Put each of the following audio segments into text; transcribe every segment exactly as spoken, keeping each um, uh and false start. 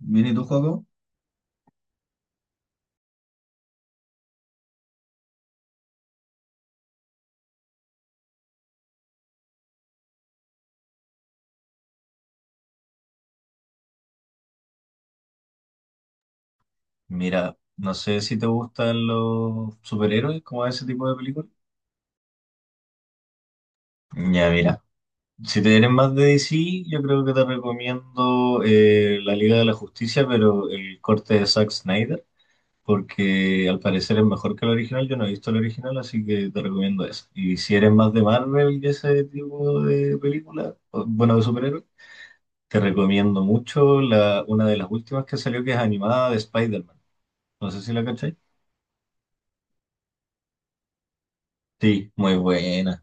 Mira, ¿y tú, Joaco? Mira, no sé si te gustan los superhéroes, como ese tipo de películas. Ya, mira. Si te eres más de D C, yo creo que te recomiendo eh, La Liga de la Justicia, pero el corte de Zack Snyder, porque al parecer es mejor que el original. Yo no he visto el original, así que te recomiendo eso. Y si eres más de Marvel y ese tipo de películas, o- bueno, de superhéroes, te recomiendo mucho la, una de las últimas que salió, que es animada de Spider-Man. No sé si la cacháis. Sí, muy buena.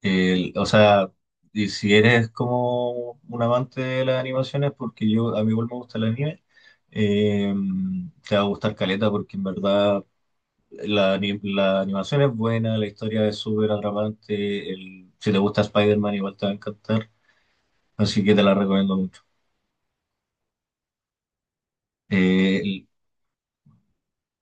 El- o sea, y si eres como un amante de las animaciones, porque yo a mí igual me gusta el anime, eh, te va a gustar Caleta porque en verdad la, ani- la animación es buena, la historia es súper atrapante, el- si te gusta Spider-Man igual te va a encantar, así que te la recomiendo mucho. Eh, el-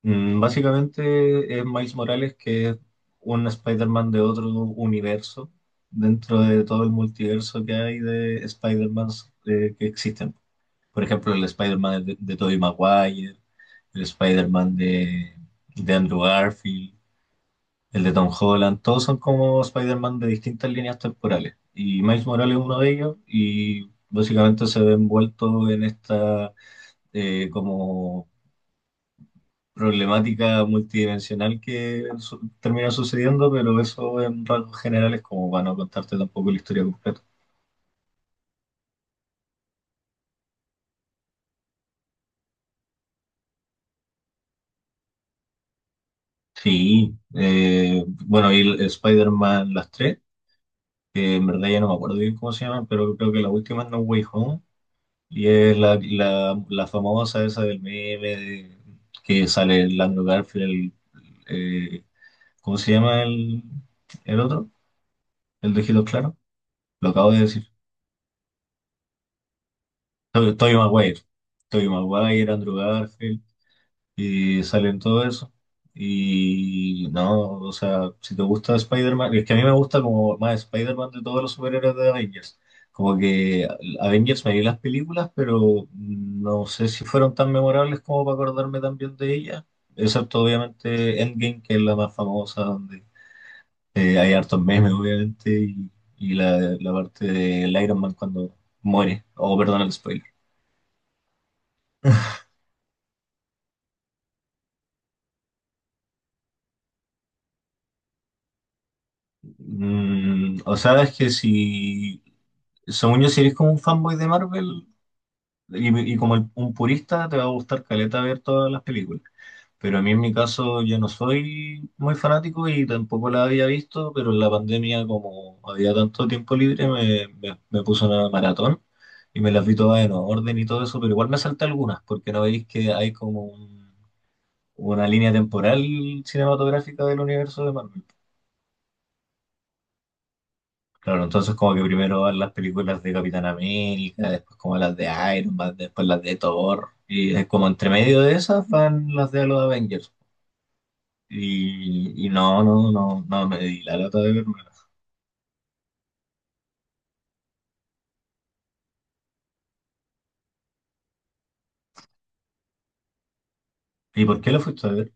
mm, básicamente es Miles Morales, que es un Spider-Man de otro universo dentro de todo el multiverso que hay de Spider-Man que existen. Por ejemplo, el Spider-Man de, de Tobey Maguire, el Spider-Man de, de Andrew Garfield, el de Tom Holland, todos son como Spider-Man de distintas líneas temporales. Y Miles Morales es uno de ellos y básicamente se ve envuelto en esta eh, como problemática multidimensional que su- termina sucediendo, pero eso en rasgos generales como para no contarte tampoco la historia completa. Sí, eh, bueno, y el- Spider-Man las tres. Que en verdad ya no me acuerdo bien cómo se llama, pero creo que la última es No Way Home, y es la, la, la famosa esa del meme de- que sale Lando Garfield, eh, ¿cómo se llama el, el otro? El de Ojito Claro, lo acabo de decir. Tobey Tobey Maguire, Tobey Maguire, Andrew Garfield. Y salen todo eso. Y no, o sea, si te gusta Spider-Man, es que a mí me gusta como más Spider-Man de todos los superhéroes de Avengers. Como que Avengers me vi las películas, pero no sé si fueron tan memorables como para acordarme también de ellas. Excepto obviamente Endgame, que es la más famosa, donde eh, hay hartos memes obviamente, y, y la, la parte del Iron Man cuando muere. Oh, perdón el spoiler. Mm, o sea, es que si, según yo, si eres como un fanboy de Marvel y, y como el- un purista, te va a gustar caleta ver todas las películas. Pero a mí en mi caso yo no soy muy fanático y tampoco la había visto, pero en la pandemia como había tanto tiempo libre me, me, me puse una maratón y me las vi todas en orden y todo eso, pero igual me salté algunas porque no veis que hay como un- una línea temporal cinematográfica del universo de Marvel. Claro, entonces como que primero van las películas de Capitán América, después como las de Iron Man, después las de Thor, y es como entre medio de esas van las de los Avengers. Y, y no, no, no, no me di la lata de verme. ¿Y por qué la fuiste a ver?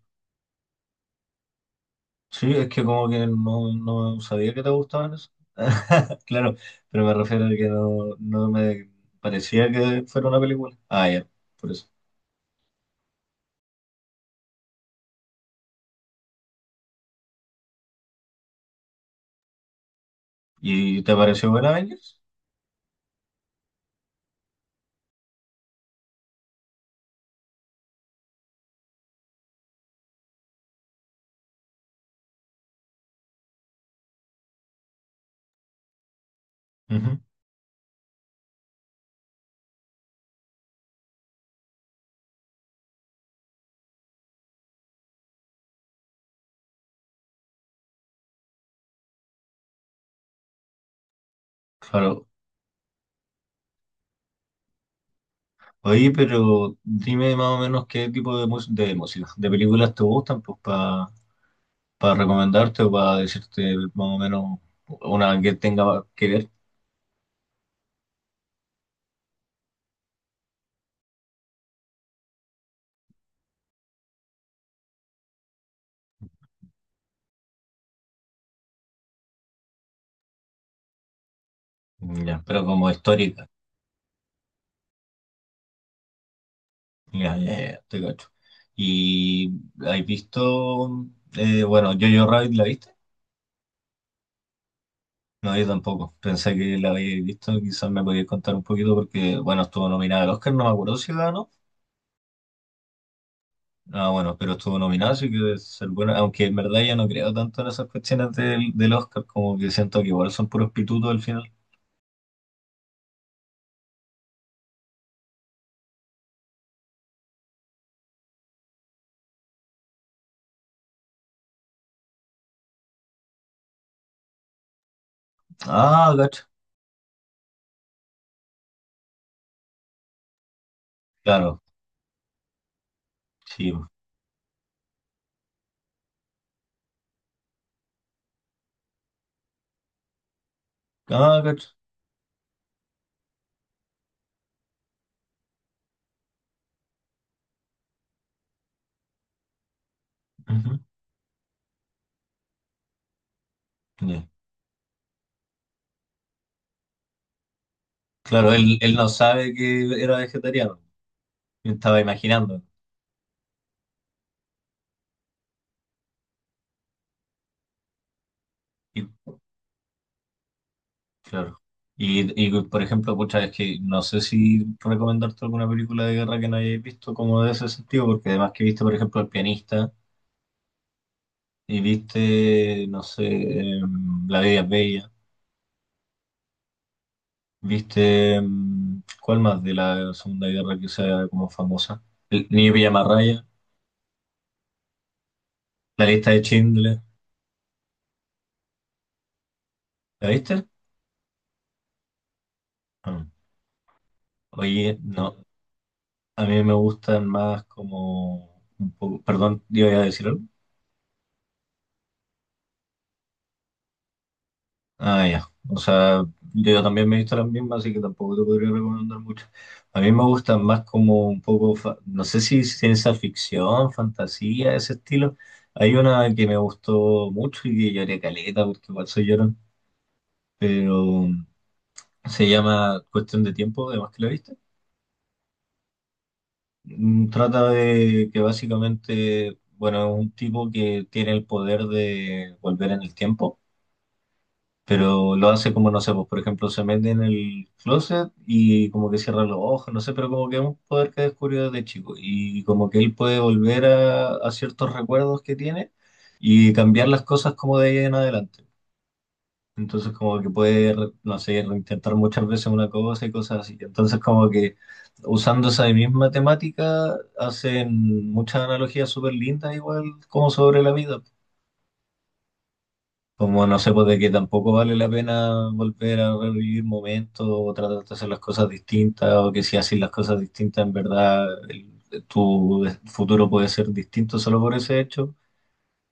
Sí, es que como que no, no sabía que te gustaban eso. Claro, pero me refiero a que no, no me parecía que fuera una película. Ah, ya, por eso. ¿Y te pareció buena Avengers? Ujú. Claro. Oye, pero dime más o menos qué tipo de, mus- de música, de películas te gustan, pues para recomendarte o para decirte más o menos una que tenga que ver, ya, pero como histórica. Ya, ya, ya, te cacho. ¿Y has visto, eh, bueno, Jojo Rabbit la viste? No, yo tampoco. Pensé que la habíais visto, quizás me podías contar un poquito porque, bueno, estuvo nominada al Oscar, no me acuerdo si ganó. Ah, bueno, pero estuvo nominado, así que debe ser bueno. Aunque en verdad ya no creo tanto en esas cuestiones del, del Oscar, como que siento que igual son puros pitutos al final. Ah, gacho. Claro, sí. Ah, gacho. Ujú, ya. Claro, él, él no sabe que era vegetariano. Yo estaba imaginando. Y, claro. Y, y, por ejemplo, pucha, es que no sé si recomendarte alguna película de guerra que no hayáis visto como de ese sentido, porque además que viste, por ejemplo, El Pianista y viste, no sé, em, La Vida es Bella. ¿Viste mm, cuál más de la Segunda Guerra que sea como famosa? El Niño Raya, La Lista de Schindler. ¿La viste? Ah. Oye, no, a mí me gustan más como un poco... Perdón, ¿yo iba a decir algo? Ah, ya. O sea, yo también me he visto las mismas, así que tampoco te podría recomendar mucho. A mí me gustan más como un poco, fa- no sé si ciencia ficción, fantasía, ese estilo. Hay una que me gustó mucho y que lloré caleta porque igual soy llorón, pero se llama Cuestión de Tiempo, además que la viste. Mm, trata de que básicamente, bueno, es un tipo que tiene el poder de volver en el tiempo, pero lo hace como, no sé, pues por ejemplo se mete en el closet y como que cierra los ojos, no sé, pero como que es un poder que descubrió desde chico y como que él puede volver a, a ciertos recuerdos que tiene y cambiar las cosas como de ahí en adelante. Entonces como que puede, re- no sé, intentar muchas veces una cosa y cosas así. Entonces como que usando esa misma temática hacen muchas analogías súper lindas igual como sobre la vida. Como no sé, pues de que tampoco vale la pena volver a revivir momentos o tratar de hacer las cosas distintas o que si haces las cosas distintas en verdad el- tu futuro puede ser distinto solo por ese hecho.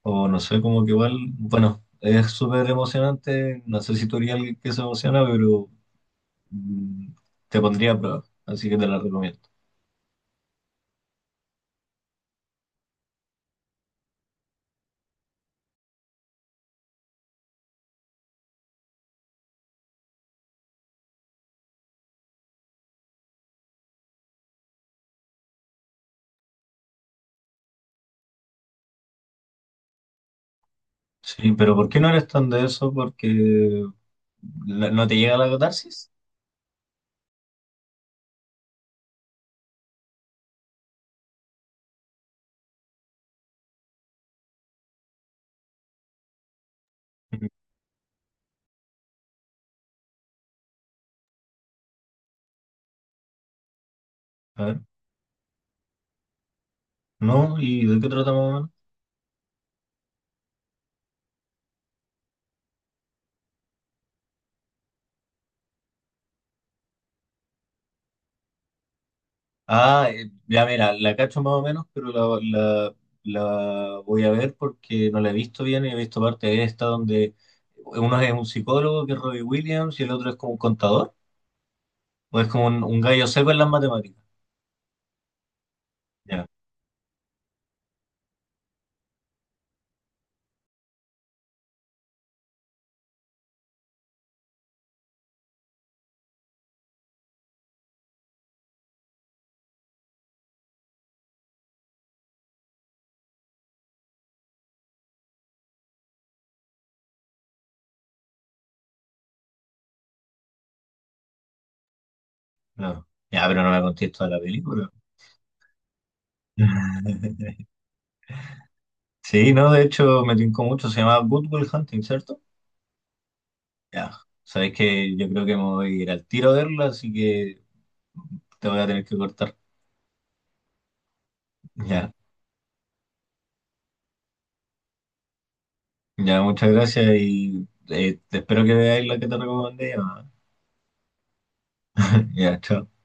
O no sé, como que igual, bueno, es súper emocionante. No sé si tú eres alguien que se emociona, pero... mm, te pondría a prueba, así que te la recomiendo. Sí, pero ¿por qué no eres tan de eso? Porque la- no te llega la catarsis. Ujú. A ver, ¿no? ¿Y de qué trata más o menos? Ah, eh, ya mira, la cacho más o menos, pero la, la- la voy a ver porque no la he visto bien y he visto parte de esta donde uno es un psicólogo que es Robbie Williams y el otro es como un contador o es como un, un gallo seco en las matemáticas. Ya, claro. Ya, pero no me contesto a la película. Sí, no, de hecho me tincó mucho, se llama Good Will Hunting, ¿cierto? Ya, sabes que yo creo que me voy a ir al tiro a verla, así que te voy a tener que cortar. Ya, ya, muchas gracias y eh, te espero que veáis la que te recomendé. Ya, ya, chao.